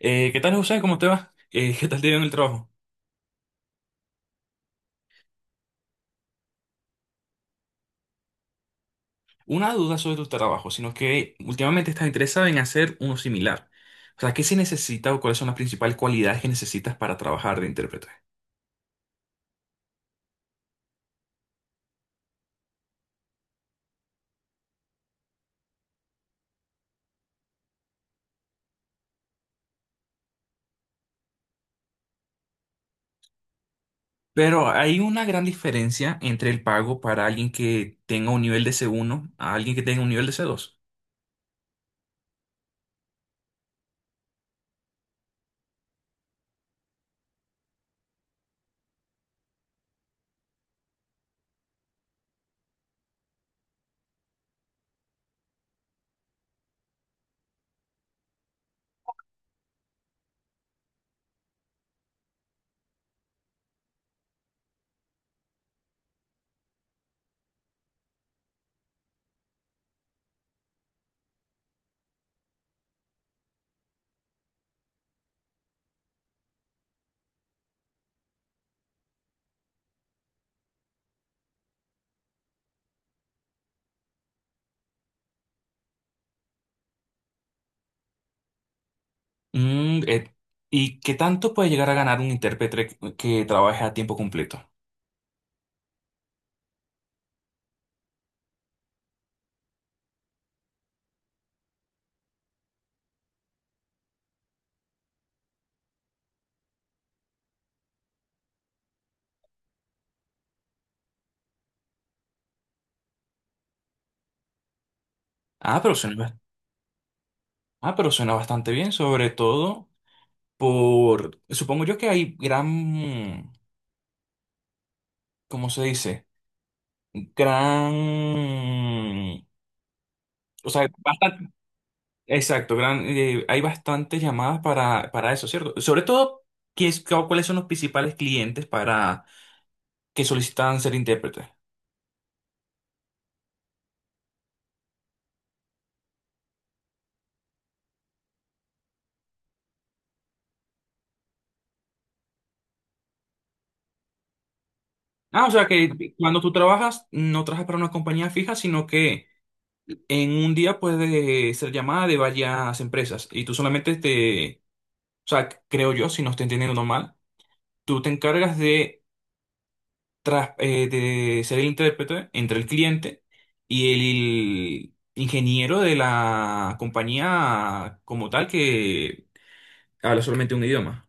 ¿Qué tal, José? ¿Cómo te va? ¿Qué tal te ha ido en el trabajo? Una duda sobre tu trabajo, sino que últimamente estás interesado en hacer uno similar. O sea, ¿qué se necesita o cuáles son las principales cualidades que necesitas para trabajar de intérprete? Pero hay una gran diferencia entre el pago para alguien que tenga un nivel de C1 a alguien que tenga un nivel de C2. Mm, eh, ¿Y qué tanto puede llegar a ganar un intérprete que trabaje a tiempo completo? Ah, pero suena, ah, pero suena bastante bien, sobre todo. Supongo yo que hay gran, ¿cómo se dice? Gran, o sea, bastante, exacto, gran, hay bastantes llamadas para eso, ¿cierto? Sobre todo, ¿cuáles son los principales clientes para que solicitan ser intérpretes? Ah, o sea que cuando tú trabajas, no trabajas para una compañía fija, sino que en un día puede ser llamada de varias empresas y tú solamente te, o sea, creo yo, si no estoy entendiendo mal, tú te encargas de ser el intérprete entre el cliente y el ingeniero de la compañía como tal que habla solamente un idioma.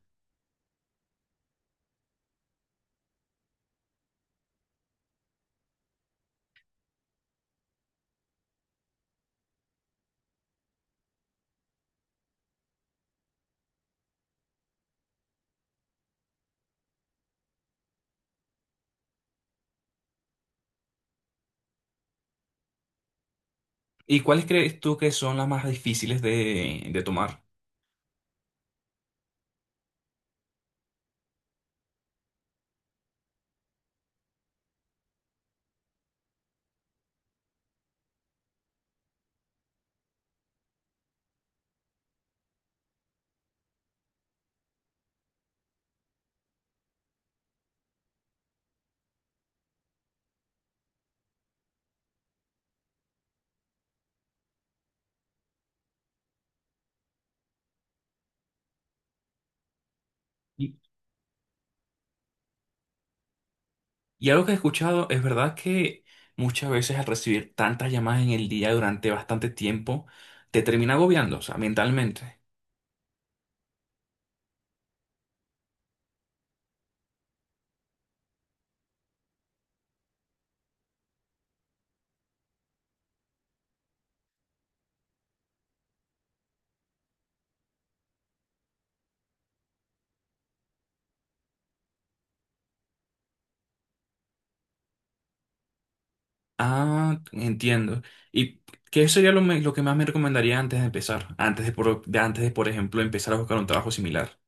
¿Y cuáles crees tú que son las más difíciles de tomar? Y, y algo que he escuchado, es verdad que muchas veces al recibir tantas llamadas en el día durante bastante tiempo, te termina agobiando, o sea, mentalmente. Ah, entiendo. ¿Y qué sería lo que más me recomendaría antes de empezar? Antes de, por ejemplo, empezar a buscar un trabajo similar.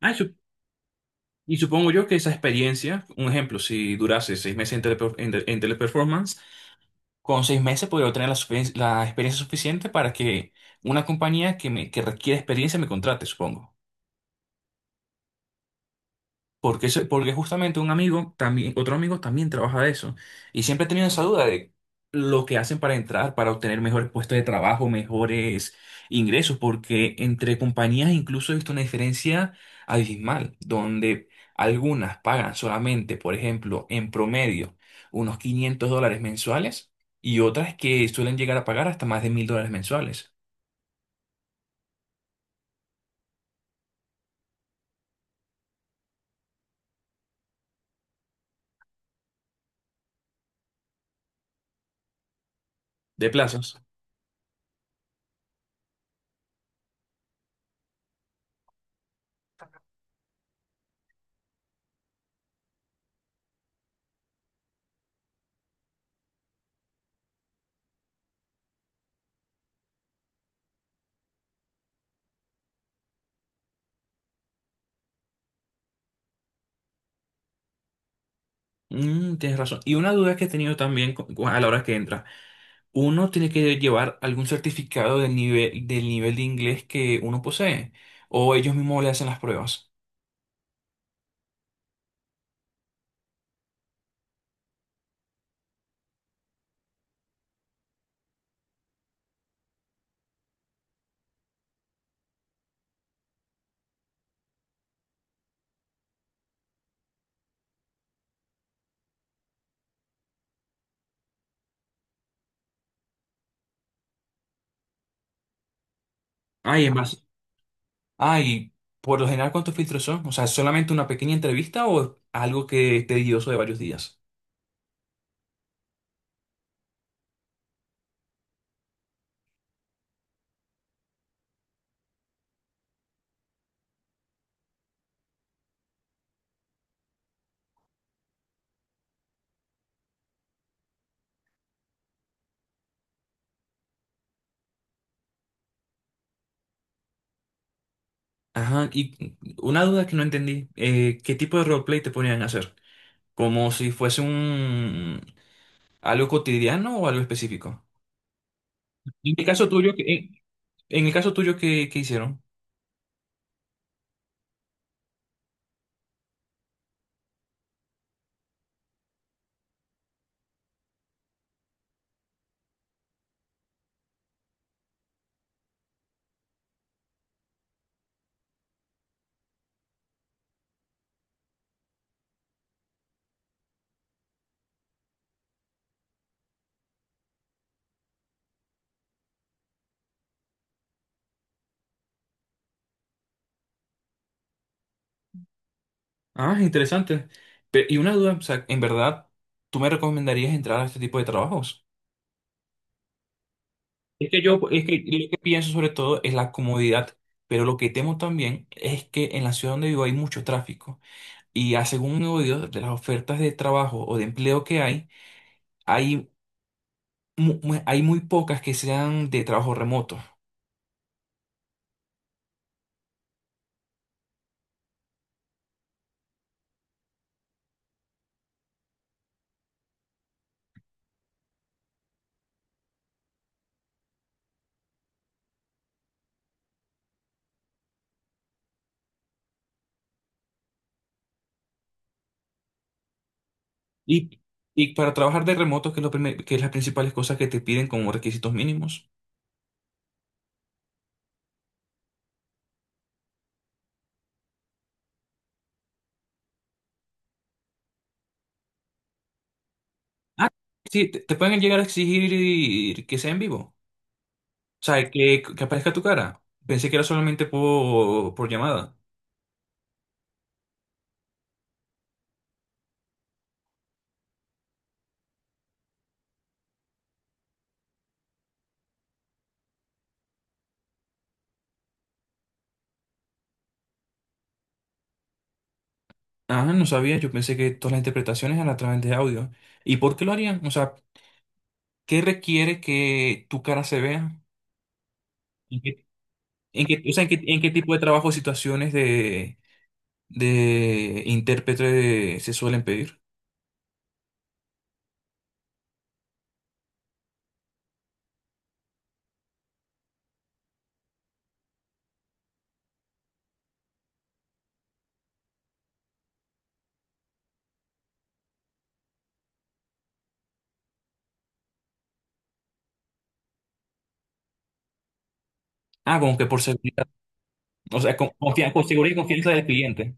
Ah, y supongo yo que esa experiencia, un ejemplo, si durase 6 meses en teleperformance, con 6 meses podría obtener la experiencia suficiente para que una compañía que requiere experiencia me contrate, supongo. Porque justamente un amigo también, otro amigo también trabaja de eso. Y siempre he tenido esa duda de lo que hacen para entrar, para obtener mejores puestos de trabajo, mejores ingresos, porque entre compañías incluso he visto una diferencia abismal, donde algunas pagan solamente, por ejemplo, en promedio, unos 500 dólares mensuales y otras que suelen llegar a pagar hasta más de 1000 dólares mensuales de plazos. Mm, tienes razón. Y una duda que he tenido también a la hora que entra. ¿Uno tiene que llevar algún certificado del nivel de inglés que uno posee? ¿O ellos mismos le hacen las pruebas? Ay, en base. Ay, por lo general, ¿cuántos filtros son? O sea, ¿solamente una pequeña entrevista o algo que es tedioso de varios días? Ajá, y una duda que no entendí. ¿Qué tipo de roleplay te ponían a hacer? ¿Como si fuese un algo cotidiano o algo específico? En el caso tuyo, ¿qué- en, en el caso tuyo, ¿qué hicieron? Ah, interesante. Y una duda, o sea, en verdad, ¿tú me recomendarías entrar a este tipo de trabajos? Es que lo que pienso sobre todo es la comodidad, pero lo que temo también es que en la ciudad donde vivo hay mucho tráfico y a según he oído de las ofertas de trabajo o de empleo que hay, hay muy pocas que sean de trabajo remoto. Y, y para trabajar de remoto, ¿que es las principales cosas que te piden como requisitos mínimos? Ah, sí, te pueden llegar a exigir que sea en vivo. O sea, que aparezca tu cara. Pensé que era solamente por llamada. Ah, no sabía. Yo pensé que todas las interpretaciones eran a través de audio. ¿Y por qué lo harían? O sea, ¿qué requiere que tu cara se vea? ¿En qué, en qué- o sea, en qué tipo de trabajo o situaciones de intérprete se suelen pedir? Ah, como que por seguridad. O sea, con seguridad y confianza del cliente.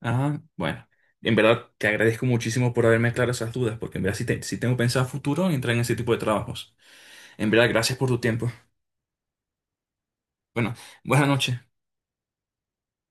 Ajá, bueno, en verdad te agradezco muchísimo por haberme aclarado esas dudas, porque en verdad sí tengo pensado a futuro entrar en ese tipo de trabajos. En verdad, gracias por tu tiempo. Bueno, buenas noches.